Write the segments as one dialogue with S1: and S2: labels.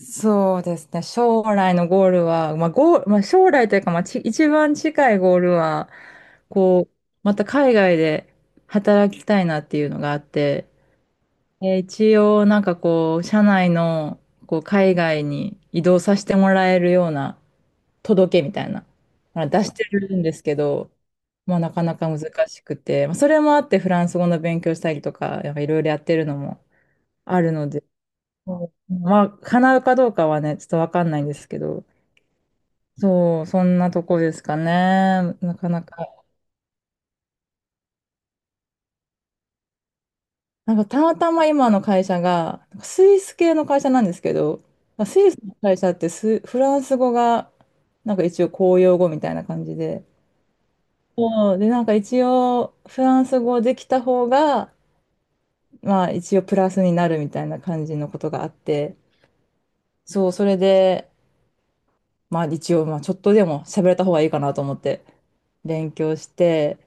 S1: そうですね。将来のゴールは、まあ、ゴール、まあ、将来というか、一番近いゴールは、こう、また海外で働きたいなっていうのがあって、一応、社内の、海外に移動させてもらえるような届けみたいな、出してるんですけど、なかなか難しくて、まあ、それもあって、フランス語の勉強したりとか、やっぱいろいろやってるのもあるので、そうまあ、叶うかどうかはね、ちょっとわかんないんですけど、そう、そんなとこですかね。なかなか。なんかたまたま今の会社が、なんかスイス系の会社なんですけど、まあスイスの会社ってフランス語が、なんか一応公用語みたいな感じで、そう、で、なんか一応、フランス語できた方が、まあ一応プラスになるみたいな感じのことがあって、そう、それで、まあ一応、まあちょっとでも喋れた方がいいかなと思って、勉強して、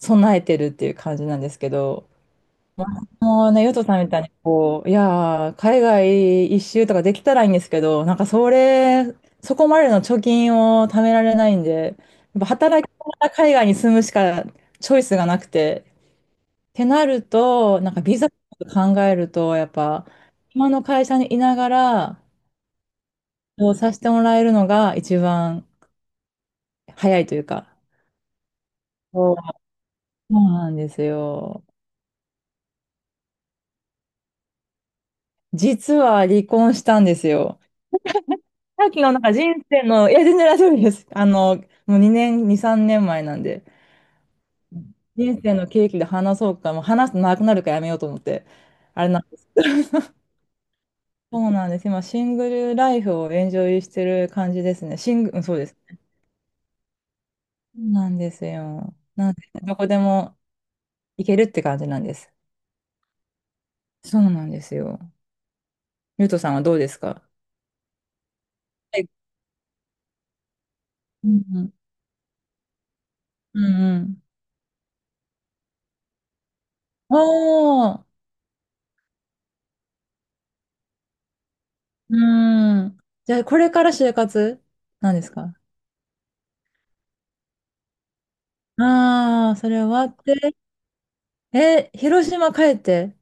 S1: 備えてるっていう感じなんですけど、もうね、ヨトさんみたいに、いやー、海外一周とかできたらいいんですけど、なんかそれ、そこまでの貯金を貯められないんで、やっぱ働きながら海外に住むしかチョイスがなくて、ってなると、なんかビザとか考えると、やっぱ、今の会社にいながら、そうさせてもらえるのが一番早いというか、そうそうなんですよ。実は離婚したんですよ。さっきのなんか人生の、いや、全然大丈夫です。あの、もう2、3年前なんで、人生の契機で話そうか、もう話すとなくなるからやめようと思って、あれなんです。そうなんです。今、シングルライフをエンジョイしてる感じですね。シング、うんそうです。そうなんですよ。なんで、どこでも行けるって感じなんです。そうなんですよ。ゆうとさんはどうですか？はい。うんうん。うんうん。おー。うん。じゃあ、これから就活なんですか？ああ、それ終わって。え、広島帰って。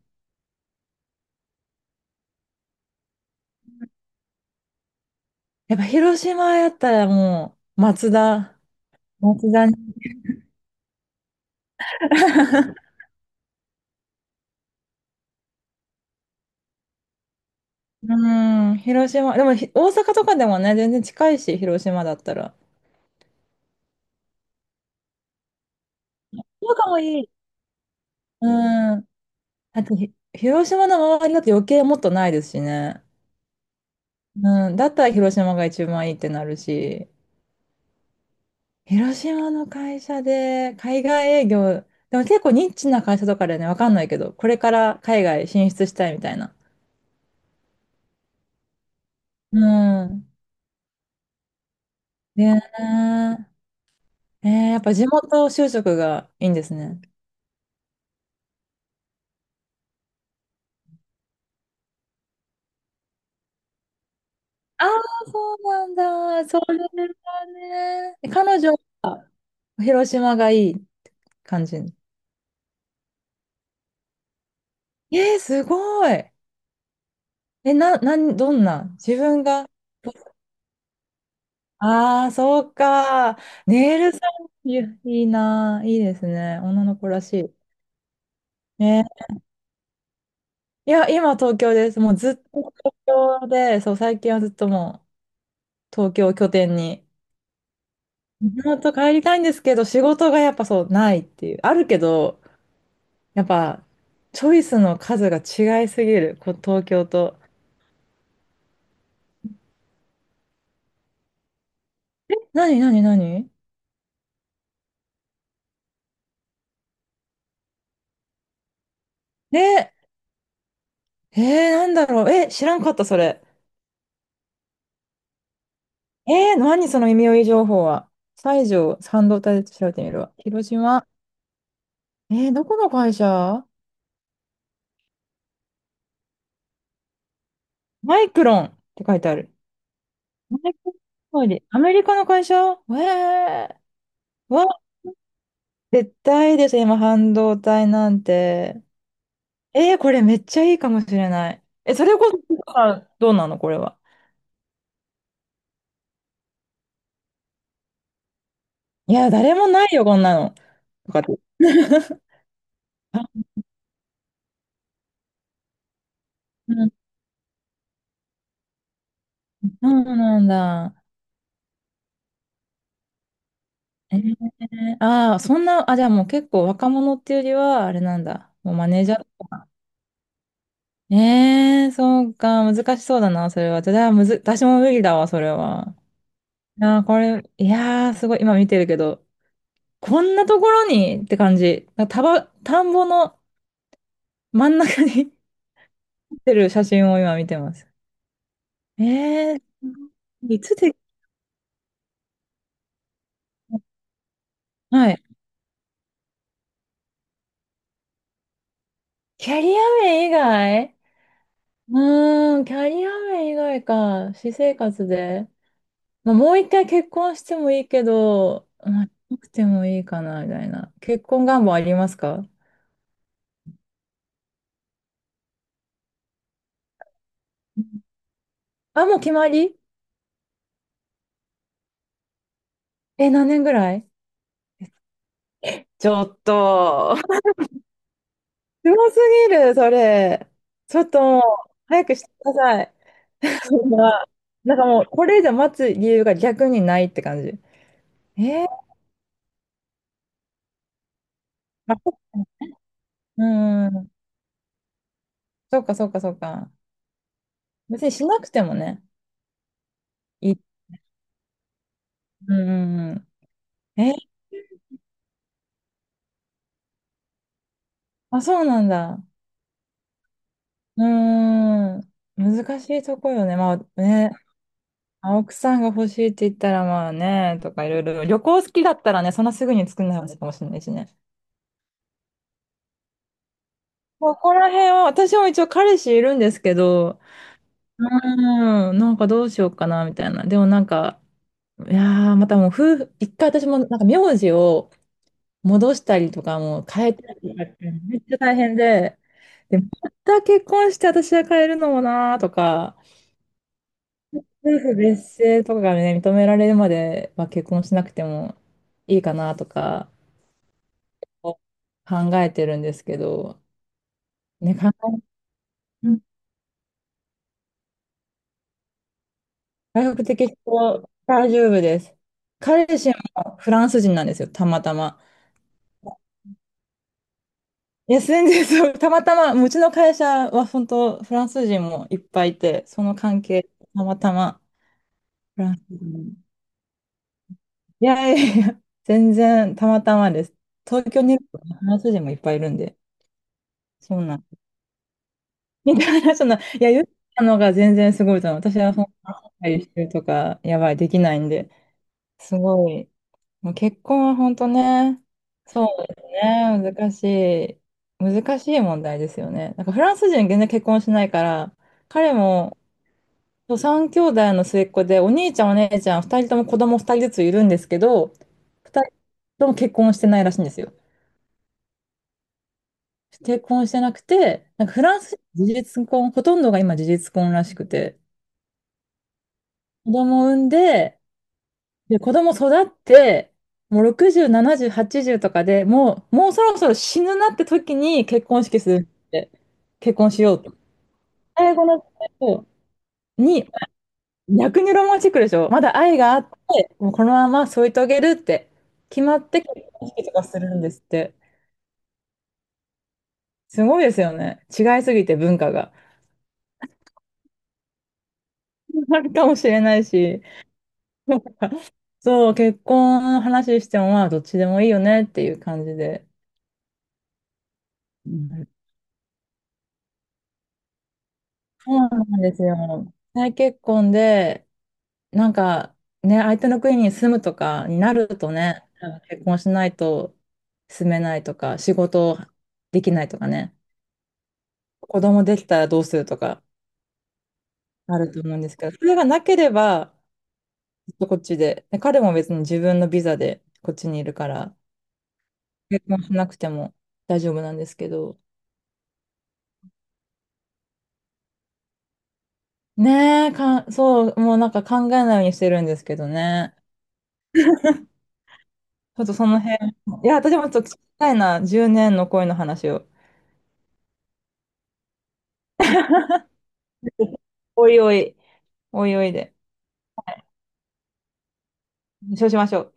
S1: やっぱ広島やったらもう、松田。松田に。うん、広島。でも大阪とかでもね、全然近いし、広島だったら。そうかもいい。うん。だって広島の周りだと余計もっとないですしね。うん。だったら広島が一番いいってなるし。広島の会社で、海外営業、でも結構ニッチな会社とかでね、わかんないけど、これから海外進出したいみたいな。うん。ねえ。えー、やっぱ地元就職がいいんですね。ああ、そうなんだ。それはね。え彼女、広島がいい感じ。えー、すごい。え、な、なん、どんな自分が。ああ、そうか。ネイルさん、いやいいな。いいですね。女の子らしい。ね。いや、今東京です。もうずっと東京で、そう、最近はずっともう東京を拠点に本当帰りたいんですけど、仕事がやっぱそうないっていう。あるけど、やっぱチョイスの数が違いすぎる、東京と。なになになに。ねえ、えー、なんだろう。え、知らんかった、それ。えー、何その耳寄り情報は。西条半導体で調べてみるわ。広島。えー、どこの会社？マイクロンって書いてある。マイクロン通りアメリカの会社えー、わ、絶対です、今、半導体なんて。えー、これめっちゃいいかもしれない。え、それこそ、あどうなのこれは。いや、誰もないよ、こんなの。とかって。あ、うん、そうなんだ。えー、ああ、そんな、あ、じゃあもう結構若者っていうよりは、あれなんだ。もうマネージャーとか。えー、そうか、難しそうだな、それは。じゃあ、むず、私も無理だわ、それは。あー、これ、いやー、すごい、今見てるけど、こんなところにって感じ。なんか田んぼの真ん中に 立ってる写真を今見てます。えー、いつで、はい。キャリア面以外？うーん、キャリア面以外か。私生活で。まあ、もう一回結婚してもいいけど、まあ、しなくてもいいかな、みたいな。結婚願望ありますか？あ、もう決まり？え、何年ぐらい？ちょっと、すごすぎる、それ。ちょっともう、早くしてください。まあなんかもう、これ以上待つ理由が逆にないって感じ。えー、まあ、うーん。そうか、そうか、そうか。別にしなくてもね。いい。うんうんうん。え、あ、そうなんだ。うーん。難しいとこよね。まあね、青くさんが欲しいって言ったらまあね、とかいろいろ。旅行好きだったらね、そんなすぐに作んない話かもしれないしね。ここら辺は、私も一応彼氏いるんですけど、うーん、なんかどうしようかな、みたいな。でもなんか、いやー、またもう夫婦、一回私もなんか名字を戻したりとかもう変えたりとかってめっちゃ大変で、で、また結婚して私は変えるのもなーとか、夫婦別姓とかがね、認められるまでは結婚しなくてもいいかなとか考えてるんですけど、ね、え、学的思は大丈夫です。彼氏もフランス人なんですよ、たまたま。いや、全然そう、たまたま、うちの会社は本当、フランス人もいっぱいいて、その関係、たまたまフランス人。いやいやいや、全然たまたまです。東京にいるとフランス人もいっぱいいるんで、そうなん。みたいな、そんな、いや、言ったのが全然すごいと思う。私はそんな、てるとか、やばい、できないんで、すごい。もう結婚は本当ね、そうですね、難しい、難しい問題ですよね。なんかフランス人全然結婚しないから、彼も、そう三兄弟の末っ子で、お兄ちゃん、お姉ちゃん、二人とも子供二人ずついるんですけど、二人とも結婚してないらしいんですよ。結婚してなくて、なんかフランス、事実婚、ほとんどが今事実婚らしくて、子供産んで、で、子供育って、もう60、70、80とかでもう、もうそろそろ死ぬなって時に結婚式するって、結婚しようと。最後の人に、逆にロマンチックでしょ、まだ愛があって、もうこのまま添い遂げるって決まって結婚式とかするんですって。すごいですよね。違いすぎて文化が。あるかもしれないし。そう、結婚の話しても、まあ、どっちでもいいよねっていう感じで。うん、そうなんですよ。再結婚で、なんかね、相手の国に住むとかになるとね、結婚しないと住めないとか、仕事できないとかね、子供できたらどうするとかあると思うんですけど、それがなければ、ずっとこっちで、で彼も別に自分のビザでこっちにいるから、結婚しなくても大丈夫なんですけど、ねえ、そう、もうなんか考えないようにしてるんですけどね。ちょっとその辺、いや、私もちょっと聞きたいな、10年の恋の話を。おいおい、おいおいで。そうしましょう。